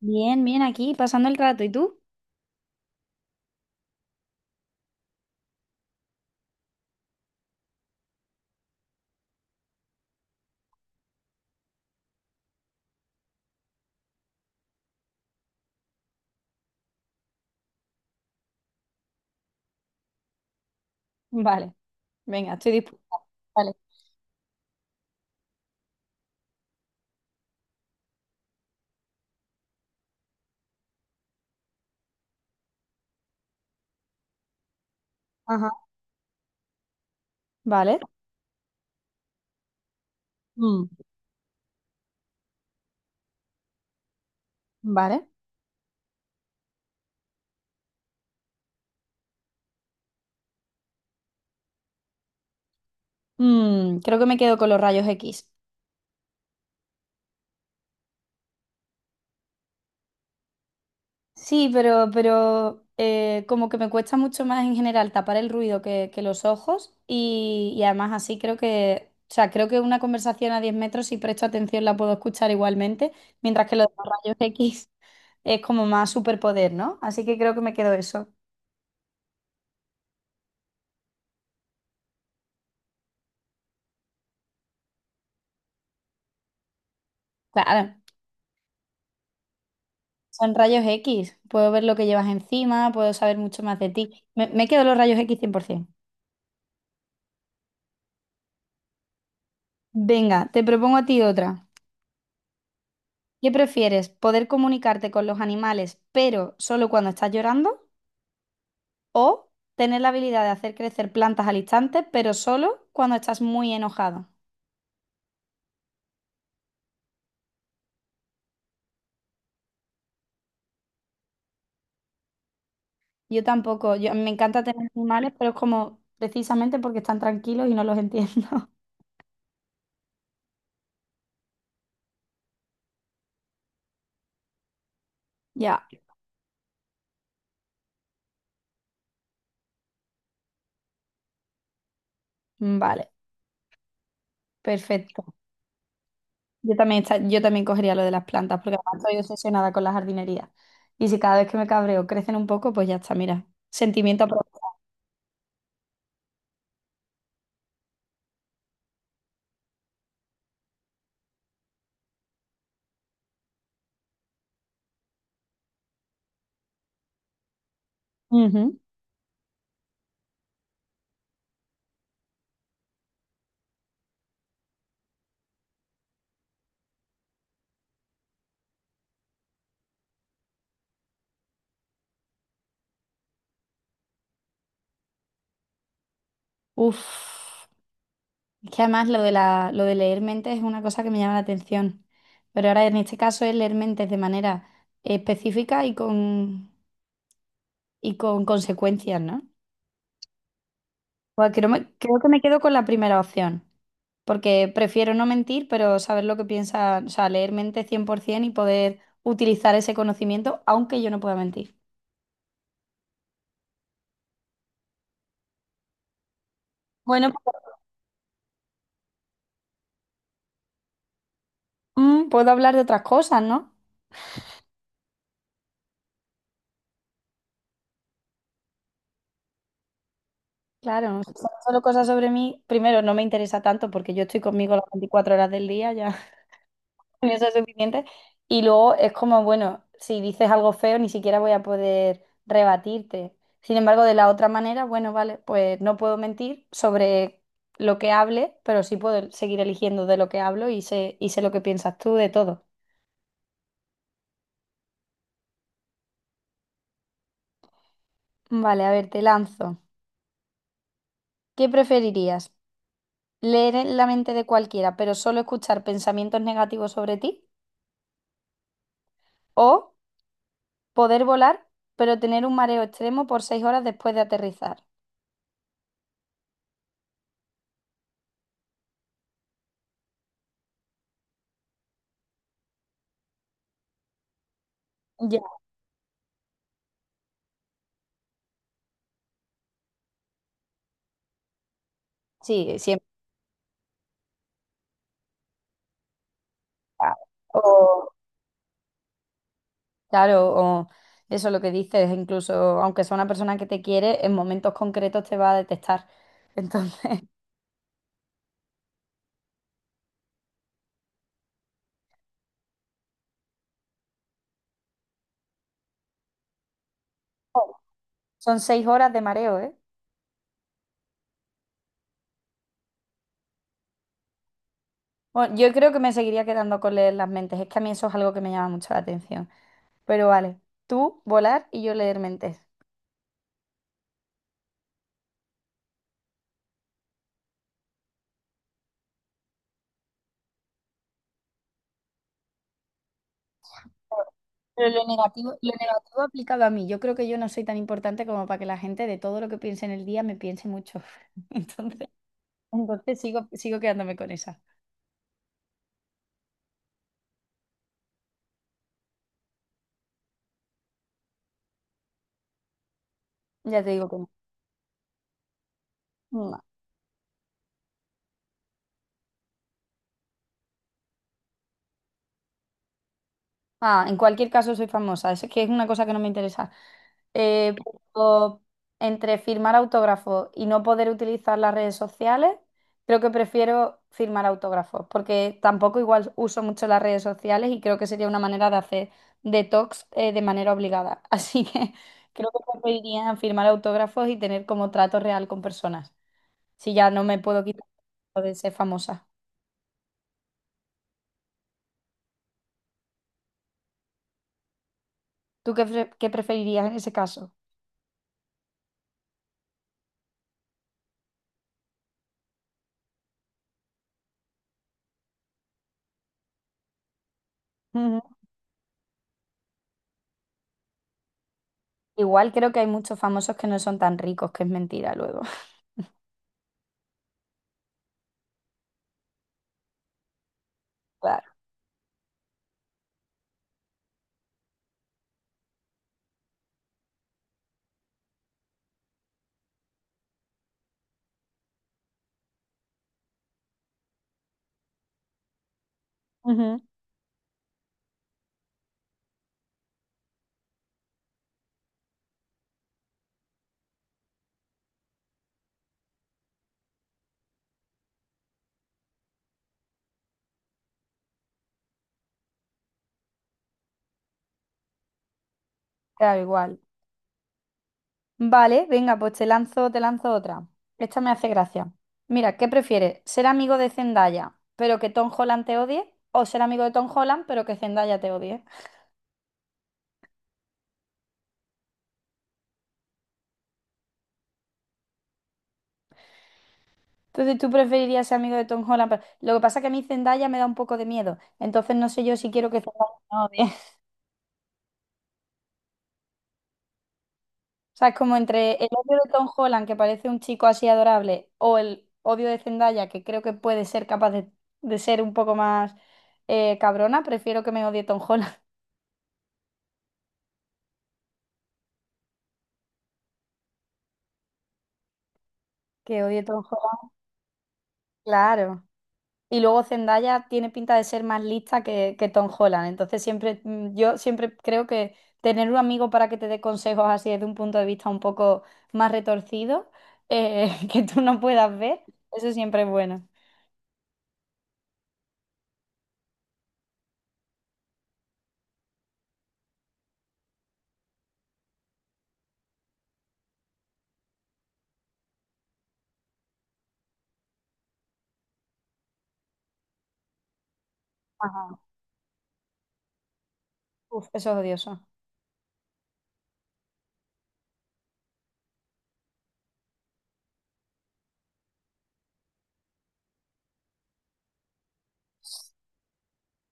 Bien, bien, aquí pasando el rato. ¿Y tú? Vale, venga, estoy dispuesta. Vale. Ajá. Vale. Mm, vale. Mm, creo que me quedo con los rayos X. Sí, pero como que me cuesta mucho más en general tapar el ruido que los ojos y además así creo que, o sea, creo que una conversación a 10 metros, si presto atención, la puedo escuchar igualmente, mientras que lo de los rayos X es como más superpoder, ¿no? Así que creo que me quedo eso. Claro. Son rayos X. Puedo ver lo que llevas encima, puedo saber mucho más de ti. Me quedo los rayos X 100%. Venga, te propongo a ti otra. ¿Qué prefieres? ¿Poder comunicarte con los animales, pero solo cuando estás llorando? ¿O tener la habilidad de hacer crecer plantas al instante, pero solo cuando estás muy enojado? Yo tampoco. Yo, me encanta tener animales, pero es como precisamente porque están tranquilos y no los entiendo. Ya, vale, perfecto. Yo también, yo también cogería lo de las plantas, porque además estoy obsesionada con la jardinería. Y si cada vez que me cabreo crecen un poco, pues ya está, mira. Sentimiento aprovechado. Ujú. Uf. Es que además lo de lo de leer mentes es una cosa que me llama la atención. Pero ahora en este caso es leer mentes de manera específica y con consecuencias, ¿no? Pues creo que me quedo con la primera opción, porque prefiero no mentir, pero saber lo que piensa, o sea, leer mente 100% y poder utilizar ese conocimiento, aunque yo no pueda mentir. Bueno, pues, mm, puedo hablar de otras cosas, ¿no? Claro, si son solo cosas sobre mí, primero no me interesa tanto porque yo estoy conmigo las 24 horas del día ya. Con eso es suficiente. Y luego es como, bueno, si dices algo feo, ni siquiera voy a poder rebatirte. Sin embargo, de la otra manera, bueno, vale, pues no puedo mentir sobre lo que hable, pero sí puedo seguir eligiendo de lo que hablo y sé lo que piensas tú de todo. Vale, a ver, te lanzo. ¿Qué preferirías? ¿Leer en la mente de cualquiera, pero solo escuchar pensamientos negativos sobre ti? ¿O poder volar, pero tener un mareo extremo por seis horas después de aterrizar? Ya. Sí, siempre. O, claro, o eso lo que dices, incluso aunque sea una persona que te quiere, en momentos concretos te va a detestar. Entonces, son seis horas de mareo, ¿eh? Bueno, yo creo que me seguiría quedando con leer las mentes. Es que a mí eso es algo que me llama mucho la atención. Pero vale, tú volar y yo leer mentes. Pero lo negativo aplicado a mí. Yo creo que yo no soy tan importante como para que la gente de todo lo que piense en el día me piense mucho. Entonces, sigo, sigo quedándome con esa. Ya te digo que no. No. Ah, en cualquier caso soy famosa, eso es que es una cosa que no me interesa. Eh, pero entre firmar autógrafos y no poder utilizar las redes sociales, creo que prefiero firmar autógrafos, porque tampoco igual uso mucho las redes sociales y creo que sería una manera de hacer detox, de manera obligada. Así que creo que preferiría firmar autógrafos y tener como trato real con personas, si ya no me puedo quitar lo de ser famosa. ¿Tú qué, qué preferirías en ese caso? Igual creo que hay muchos famosos que no son tan ricos, que es mentira luego. Claro. Ujú. Claro, igual. Vale, venga, pues te lanzo otra. Esta me hace gracia. Mira, ¿qué prefieres? ¿Ser amigo de Zendaya, pero que Tom Holland te odie? ¿O ser amigo de Tom Holland, pero que Zendaya te odie? Entonces, ¿tú preferirías ser amigo de Tom Holland? Pero... lo que pasa es que a mí Zendaya me da un poco de miedo. Entonces, no sé yo si quiero que Zendaya me odie. O sea, es como entre el odio de Tom Holland, que parece un chico así adorable, o el odio de Zendaya, que creo que puede ser capaz de ser un poco más, cabrona, prefiero que me odie Tom Holland, que odie Tom Holland, claro. Y luego Zendaya tiene pinta de ser más lista que Tom Holland, entonces siempre, mm, yo siempre creo que tener un amigo para que te dé consejos así desde un punto de vista un poco más retorcido, que tú no puedas ver, eso siempre es bueno. Ajá. Uf, eso es odioso.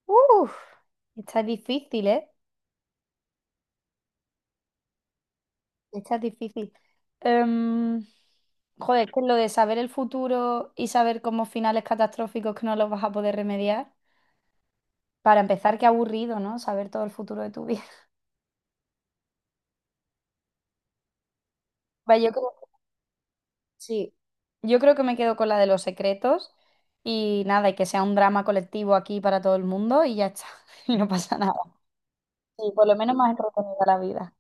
Uf, esta es difícil, ¿eh? Esta es difícil. Em, Joder, es que lo de saber el futuro y saber como finales catastróficos que no los vas a poder remediar. Para empezar, qué aburrido, ¿no? Saber todo el futuro de tu vida. Vale, yo creo, sí, yo creo que me quedo con la de los secretos y nada, y que sea un drama colectivo aquí para todo el mundo y ya está. Y no pasa nada. Sí, por lo menos más entretenida la vida.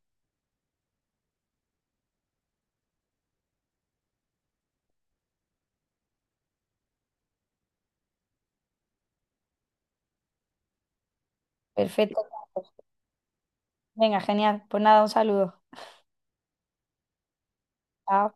Perfecto. Venga, genial. Pues nada, un saludo. Chao.